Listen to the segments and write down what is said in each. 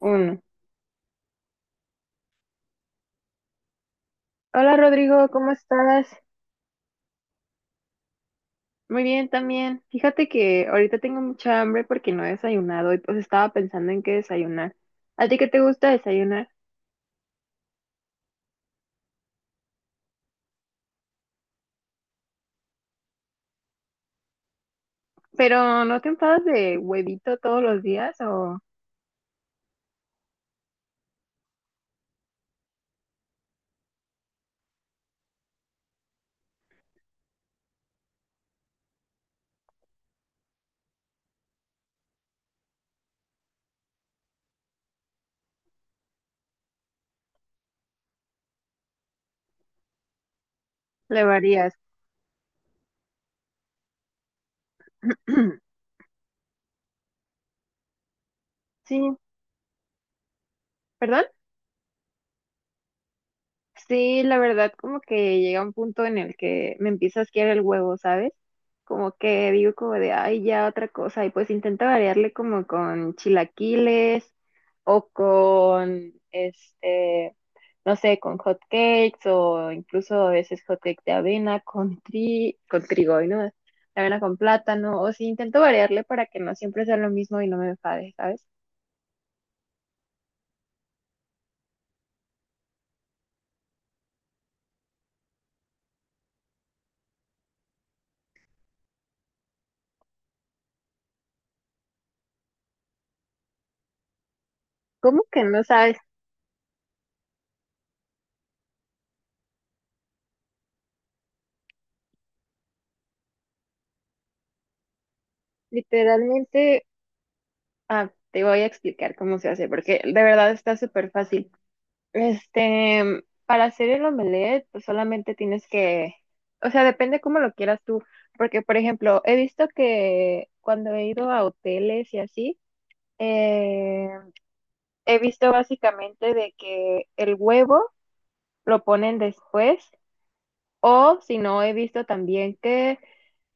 Uno. Hola Rodrigo, ¿cómo estás? Muy bien también. Fíjate que ahorita tengo mucha hambre porque no he desayunado y pues estaba pensando en qué desayunar. ¿A ti qué te gusta desayunar? Pero ¿no te enfadas de huevito todos los días o le varías? Sí, ¿perdón? Sí, la verdad, como que llega un punto en el que me empieza a asquear el huevo, ¿sabes? Como que digo como de, ay, ya otra cosa. Y pues intento variarle como con chilaquiles o con no sé, con hot cakes o incluso a veces hot cake de avena con trigo, y ¿no? De avena con plátano. O sí, intento variarle para que no siempre sea lo mismo y no me enfade, ¿sabes? ¿Cómo que no sabes? Literalmente, ah, te voy a explicar cómo se hace, porque de verdad está súper fácil. Para hacer el omelette, pues solamente tienes que, o sea, depende cómo lo quieras tú, porque por ejemplo, he visto que cuando he ido a hoteles y así, eh, he visto básicamente de que el huevo lo ponen después o si no, he visto también que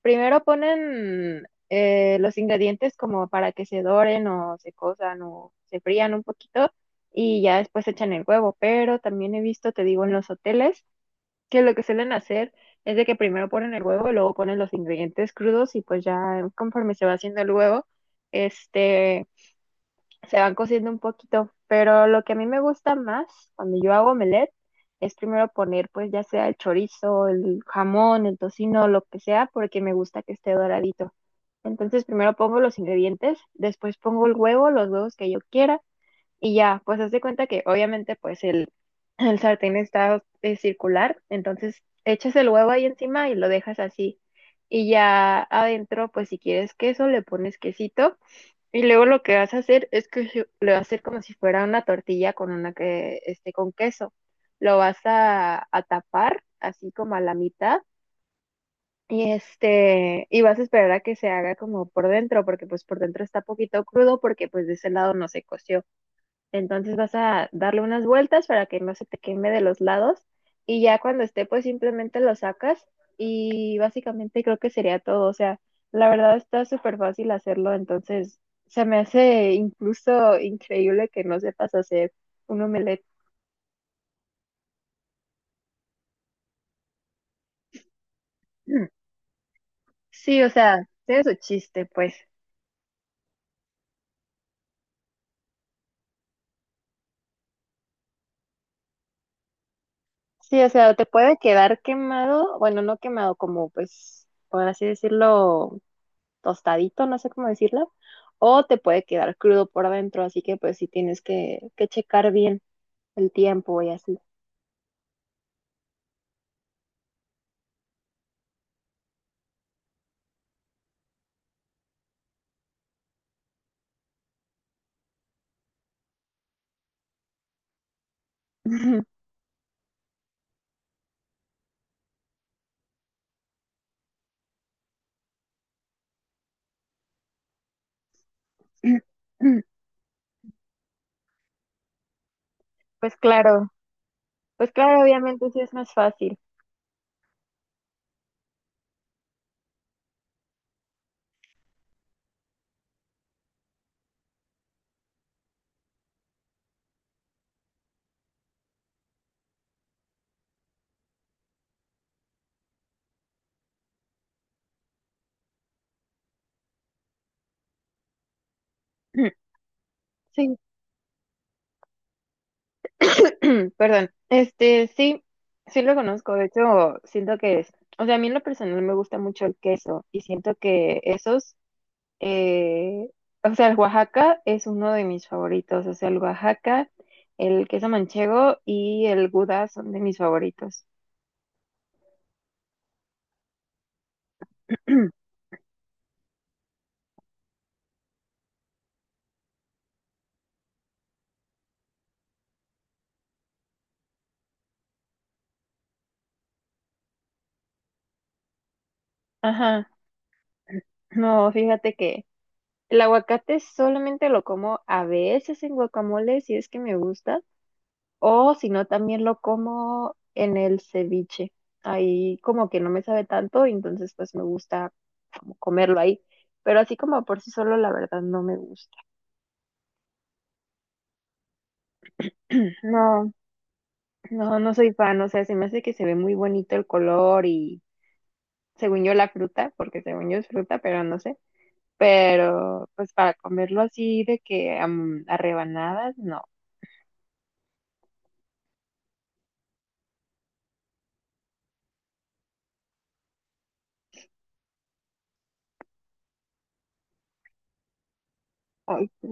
primero ponen los ingredientes como para que se doren o se cosan o se frían un poquito y ya después echan el huevo. Pero también he visto, te digo, en los hoteles que lo que suelen hacer es de que primero ponen el huevo y luego ponen los ingredientes crudos y pues ya conforme se va haciendo el huevo, este se van cociendo un poquito, pero lo que a mí me gusta más cuando yo hago omelette es primero poner pues ya sea el chorizo, el jamón, el tocino, lo que sea, porque me gusta que esté doradito. Entonces primero pongo los ingredientes, después pongo el huevo, los huevos que yo quiera y ya, pues haz de cuenta que obviamente pues el sartén está circular, entonces echas el huevo ahí encima y lo dejas así. Y ya adentro, pues si quieres queso, le pones quesito y luego lo que vas a hacer es que se- lo vas a hacer como si fuera una tortilla con una que esté con queso. Lo vas a tapar así como a la mitad y vas a esperar a que se haga como por dentro porque pues por dentro está poquito crudo porque pues de ese lado no se coció. Entonces vas a darle unas vueltas para que no se te queme de los lados y ya cuando esté pues simplemente lo sacas y básicamente creo que sería todo. O sea, la verdad está súper fácil hacerlo, entonces se me hace incluso increíble que no sepas hacer un omelette. Sí, o sea, tiene su chiste, pues. Sí, o sea, te puede quedar quemado, bueno, no quemado, como pues, por así decirlo, tostadito, no sé cómo decirlo, o te puede quedar crudo por adentro, así que pues sí tienes que checar bien el tiempo y así. Pues claro, pues claro, obviamente sí es más fácil. Sí, perdón. Sí, sí lo conozco. De hecho, siento que es, o sea, a mí en lo personal me gusta mucho el queso y siento que esos eh, o sea, el Oaxaca es uno de mis favoritos. O sea, el Oaxaca, el queso manchego y el Gouda son de mis favoritos. Ajá. No, fíjate que el aguacate solamente lo como a veces en guacamole, si es que me gusta, o si no, también lo como en el ceviche. Ahí como que no me sabe tanto, entonces pues me gusta como comerlo ahí. Pero así como por sí solo, la verdad no me gusta. No. No, no soy fan, o sea, se me hace que se ve muy bonito el color y según yo la fruta, porque según yo es fruta, pero no sé. Pero pues para comerlo así de que a rebanadas, no. Ay, ¿sí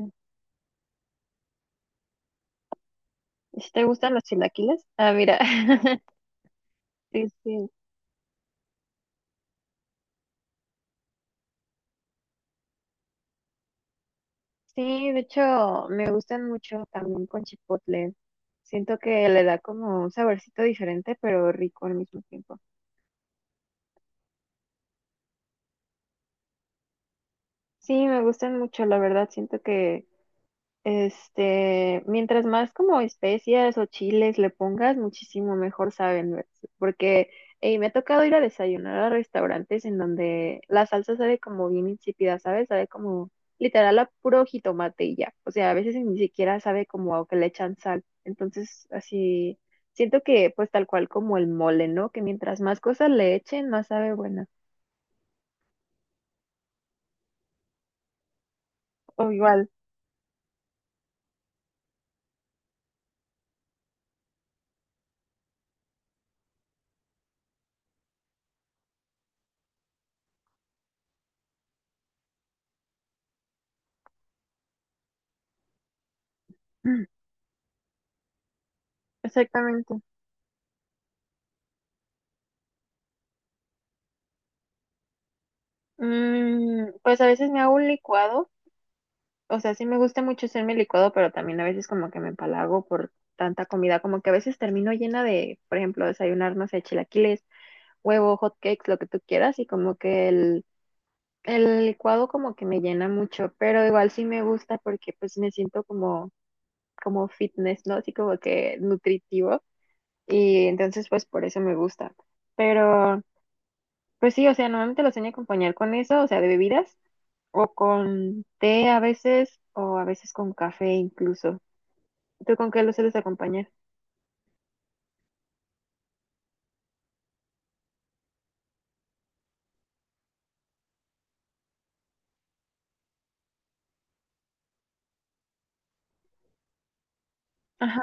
¿te gustan los chilaquiles? Ah, mira. Sí, sí. Sí, de hecho me gustan mucho también con chipotle. Siento que le da como un saborcito diferente, pero rico al mismo tiempo. Sí, me gustan mucho, la verdad, siento que, mientras más como especias o chiles le pongas, muchísimo mejor saben, ¿ves? Porque ey, me ha tocado ir a desayunar a restaurantes en donde la salsa sabe como bien insípida, ¿sabes? Sabe como literal a puro jitomate y ya. O sea, a veces ni siquiera sabe como a que le echan sal. Entonces, así siento que pues tal cual como el mole, ¿no? Que mientras más cosas le echen, más sabe buena. O igual. Exactamente. Mm, pues a veces me hago un licuado, o sea, sí me gusta mucho hacerme licuado, pero también a veces como que me empalago por tanta comida, como que a veces termino llena de, por ejemplo, desayunar, no sé, chilaquiles, huevo, hot cakes, lo que tú quieras, y como que el licuado como que me llena mucho, pero igual sí me gusta porque pues me siento como, como fitness, ¿no? Así como que nutritivo, y entonces pues por eso me gusta. Pero pues sí, o sea, normalmente lo sueño acompañar con eso, o sea, de bebidas, o con té a veces, o a veces con café incluso. ¿Tú con qué lo sueles acompañar? Ajá.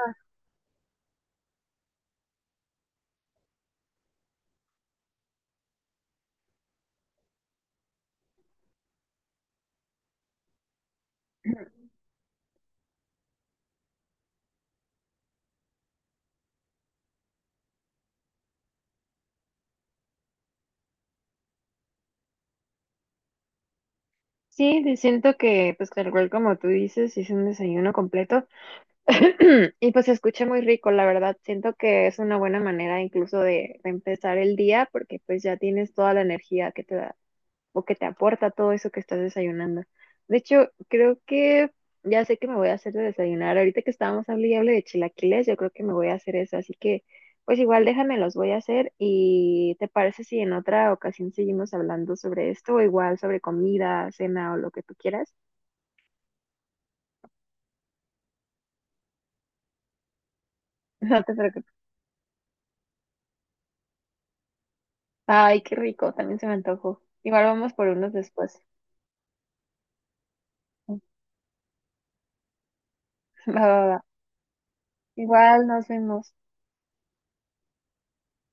Sí, sí, siento que, pues, tal cual como tú dices, es un desayuno completo. Y pues se escucha muy rico, la verdad. Siento que es una buena manera incluso de empezar el día porque pues ya tienes toda la energía que te da, o que te aporta todo eso que estás desayunando. De hecho, creo que ya sé que me voy a hacer de desayunar. Ahorita que estábamos hablando y hable de chilaquiles, yo creo que me voy a hacer eso. Así que, pues igual déjame, los voy a hacer. ¿Y te parece si en otra ocasión seguimos hablando sobre esto o igual sobre comida, cena o lo que tú quieras? No te preocupes. Ay, qué rico, también se me antojó. Igual vamos por unos después. Va, va, va. Igual nos vemos.